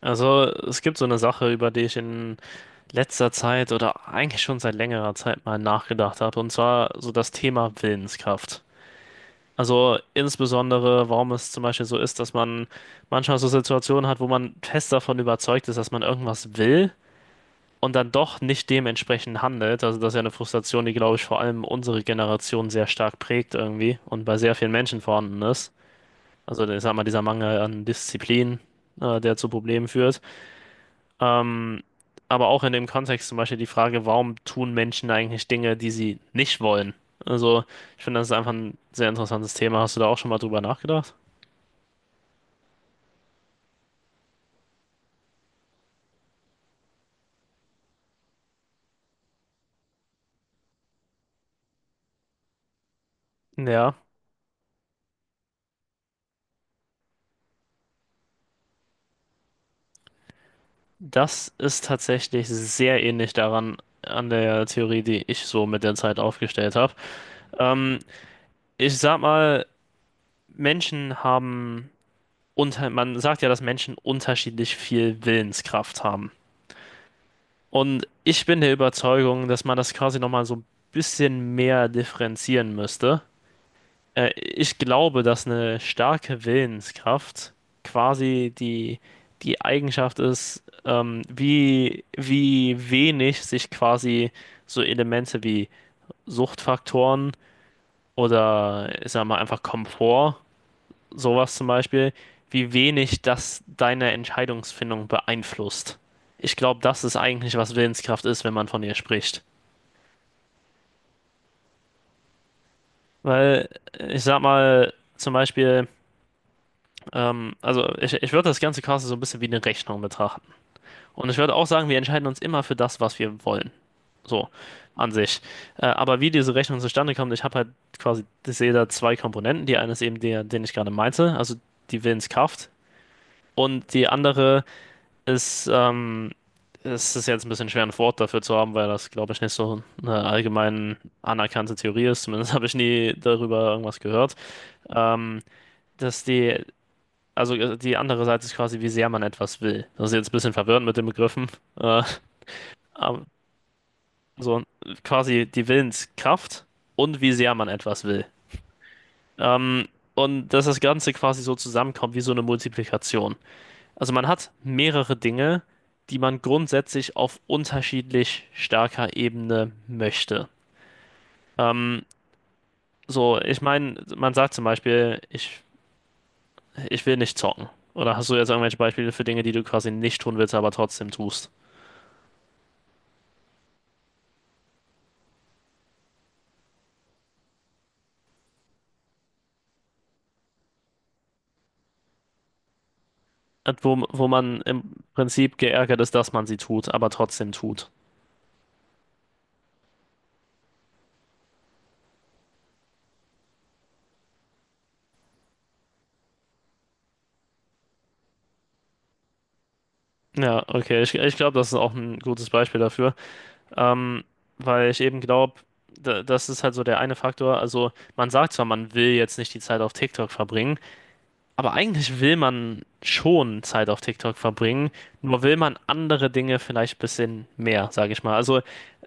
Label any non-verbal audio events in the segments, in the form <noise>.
Also, es gibt so eine Sache, über die ich in letzter Zeit oder eigentlich schon seit längerer Zeit mal nachgedacht habe, und zwar so das Thema Willenskraft. Also insbesondere, warum es zum Beispiel so ist, dass man manchmal so Situationen hat, wo man fest davon überzeugt ist, dass man irgendwas will und dann doch nicht dementsprechend handelt. Also das ist ja eine Frustration, die, glaube ich, vor allem unsere Generation sehr stark prägt irgendwie und bei sehr vielen Menschen vorhanden ist. Also ich sag mal, dieser Mangel an Disziplin, der zu Problemen führt. Ähm, aber auch in dem Kontext zum Beispiel die Frage, warum tun Menschen eigentlich Dinge, die sie nicht wollen? Also, ich finde, das ist einfach ein sehr interessantes Thema. Hast du da auch schon mal drüber nachgedacht? Ja, das ist tatsächlich sehr ähnlich daran, an der Theorie, die ich so mit der Zeit aufgestellt habe. Ähm, ich sag mal, Menschen haben man sagt ja, dass Menschen unterschiedlich viel Willenskraft haben. Und ich bin der Überzeugung, dass man das quasi nochmal so ein bisschen mehr differenzieren müsste. Ich glaube, dass eine starke Willenskraft quasi die Eigenschaft ist, wie wenig sich quasi so Elemente wie Suchtfaktoren oder ich sag mal einfach Komfort, sowas zum Beispiel, wie wenig das deine Entscheidungsfindung beeinflusst. Ich glaube, das ist eigentlich, was Willenskraft ist, wenn man von ihr spricht. Weil ich sag mal, zum Beispiel, ich würde das ganze Casting so ein bisschen wie eine Rechnung betrachten. Und ich würde auch sagen, wir entscheiden uns immer für das, was wir wollen. So, an sich. Aber wie diese Rechnung zustande kommt, ich habe halt quasi, ich sehe da zwei Komponenten. Die eine ist eben der, den ich gerade meinte, also die Willenskraft. Und die andere ist, es ist jetzt ein bisschen schwer, ein Wort dafür zu haben, weil das, glaube ich, nicht so eine allgemein anerkannte Theorie ist. Zumindest <laughs> habe ich nie darüber irgendwas gehört. Ähm, dass also die andere Seite ist quasi, wie sehr man etwas will. Das ist jetzt ein bisschen verwirrend mit den Begriffen. <laughs> Äh, aber so quasi die Willenskraft und wie sehr man etwas will. Ähm, und dass das Ganze quasi so zusammenkommt wie so eine Multiplikation. Also man hat mehrere Dinge, die man grundsätzlich auf unterschiedlich starker Ebene möchte. Ähm, so, ich meine, man sagt zum Beispiel, ich will nicht zocken. Oder hast du jetzt irgendwelche Beispiele für Dinge, die du quasi nicht tun willst, aber trotzdem tust? Wo man im Prinzip geärgert ist, dass man sie tut, aber trotzdem tut. Ja, okay, ich glaube, das ist auch ein gutes Beispiel dafür. Ähm, weil ich eben glaube, das ist halt so der eine Faktor. Also, man sagt zwar, man will jetzt nicht die Zeit auf TikTok verbringen. Aber eigentlich will man schon Zeit auf TikTok verbringen, nur will man andere Dinge vielleicht ein bisschen mehr, sage ich mal. Also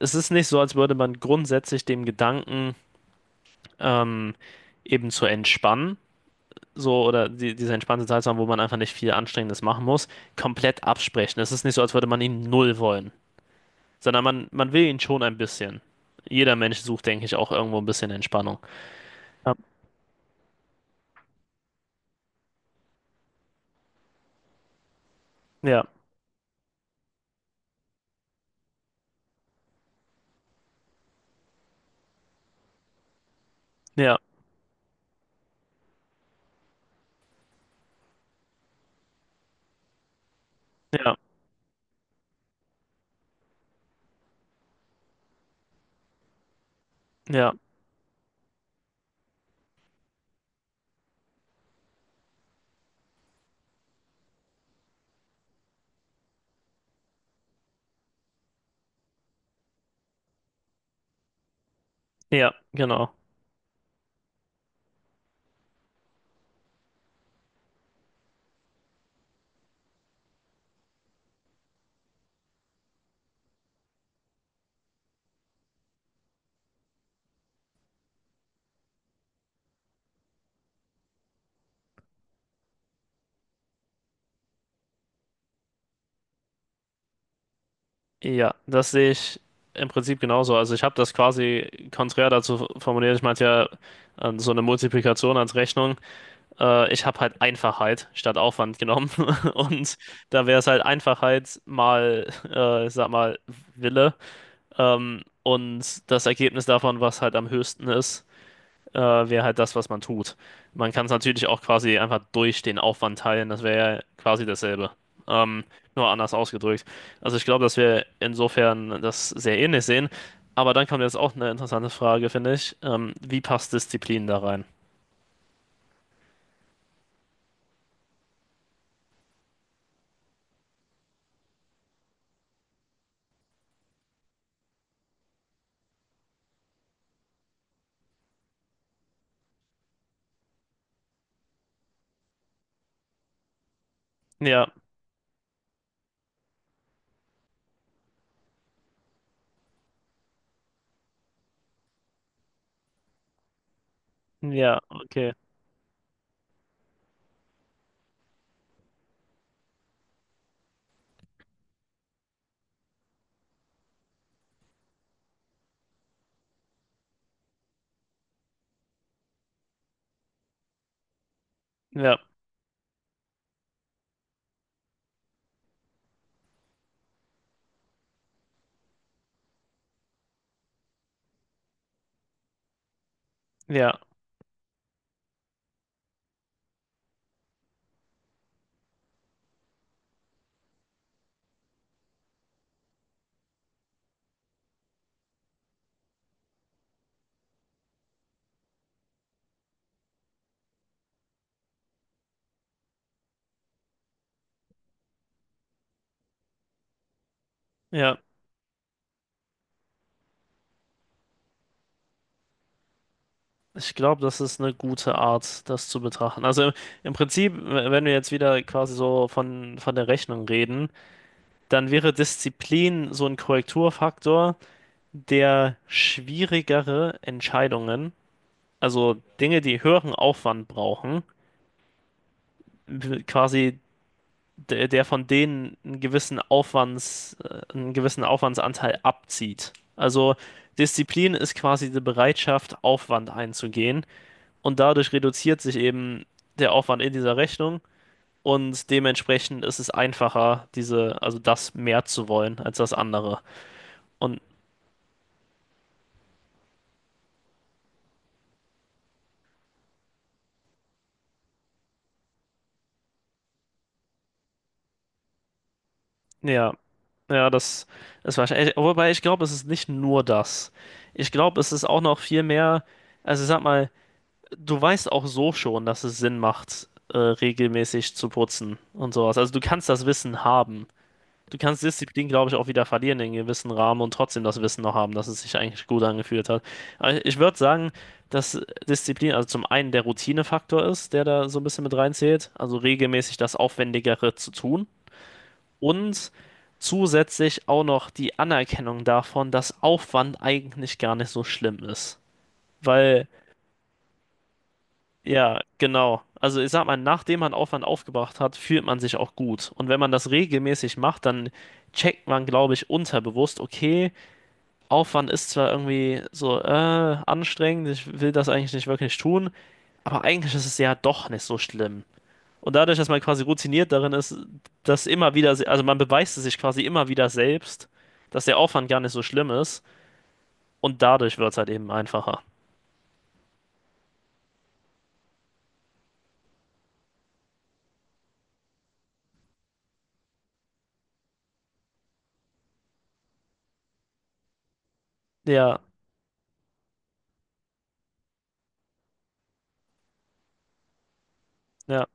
es ist nicht so, als würde man grundsätzlich dem Gedanken ähm, eben zu entspannen, so oder diese entspannte Zeit zu haben, wo man einfach nicht viel Anstrengendes machen muss, komplett absprechen. Es ist nicht so, als würde man ihn null wollen, sondern man will ihn schon ein bisschen. Jeder Mensch sucht, denke ich, auch irgendwo ein bisschen Entspannung. Ja, ja, ja, ja, ja, ja, genau. Ja, das sehe ich im Prinzip genauso. Also ich habe das quasi konträr dazu formuliert. Ich meinte ja so eine Multiplikation als Rechnung. Ich habe halt Einfachheit statt Aufwand genommen. <laughs> Und da wäre es halt Einfachheit mal, ich sag mal, Wille. Und das Ergebnis davon, was halt am höchsten ist äh, wäre halt das, was man tut. Man kann es natürlich auch quasi einfach durch den Aufwand teilen, das wäre ja quasi dasselbe. Ähm, nur anders ausgedrückt. Also ich glaube, dass wir insofern das sehr ähnlich sehen. Aber dann kommt jetzt auch eine interessante Frage, finde ich. Wie passt Disziplin da rein? Ja, ja, okay. Ja, ja, ja. Ich glaube, das ist eine gute Art, das zu betrachten. Also im Prinzip, wenn wir jetzt wieder quasi so von der Rechnung reden, dann wäre Disziplin so ein Korrekturfaktor, der schwierigere Entscheidungen, also Dinge, die höheren Aufwand brauchen, quasi der von denen einen gewissen einen gewissen Aufwandsanteil abzieht. Also Disziplin ist quasi die Bereitschaft, Aufwand einzugehen und dadurch reduziert sich eben der Aufwand in dieser Rechnung und dementsprechend ist es einfacher, also das mehr zu wollen als das andere. Und ja, Ja, das ist wahrscheinlich. Wobei ich glaube, es ist nicht nur das. Ich glaube, es ist auch noch viel mehr. Also sag mal, du weißt auch so schon, dass es Sinn macht, regelmäßig zu putzen und sowas. Also du kannst das Wissen haben. Du kannst Disziplin, glaube ich, auch wieder verlieren in gewissen Rahmen und trotzdem das Wissen noch haben, dass es sich eigentlich gut angefühlt hat. Aber ich würde sagen, dass Disziplin, also zum einen der Routinefaktor ist, der da so ein bisschen mit reinzählt, also regelmäßig das Aufwendigere zu tun und zusätzlich auch noch die Anerkennung davon, dass Aufwand eigentlich gar nicht so schlimm ist. Weil, ja, genau. Also ich sag mal, nachdem man Aufwand aufgebracht hat, fühlt man sich auch gut. Und wenn man das regelmäßig macht, dann checkt man, glaube ich, unterbewusst, okay, Aufwand ist zwar irgendwie so anstrengend, ich will das eigentlich nicht wirklich tun, aber eigentlich ist es ja doch nicht so schlimm. Und dadurch, dass man quasi routiniert darin ist, dass immer wieder, also man beweist es sich quasi immer wieder selbst, dass der Aufwand gar nicht so schlimm ist. Und dadurch wird es halt eben einfacher. Ja, ja,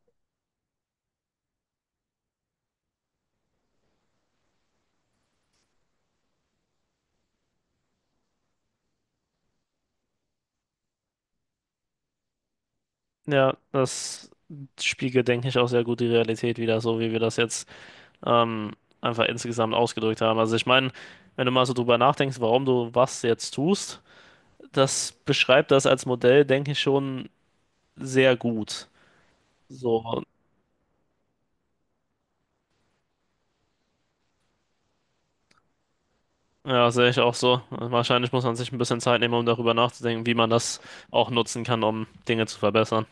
ja, das spiegelt, denke ich, auch sehr gut die Realität wider, so wie wir das jetzt ähm, einfach insgesamt ausgedrückt haben. Also ich meine, wenn du mal so drüber nachdenkst, warum du was jetzt tust, das beschreibt das als Modell, denke ich, schon sehr gut. So, ja, sehe ich auch so. Wahrscheinlich muss man sich ein bisschen Zeit nehmen, um darüber nachzudenken, wie man das auch nutzen kann, um Dinge zu verbessern.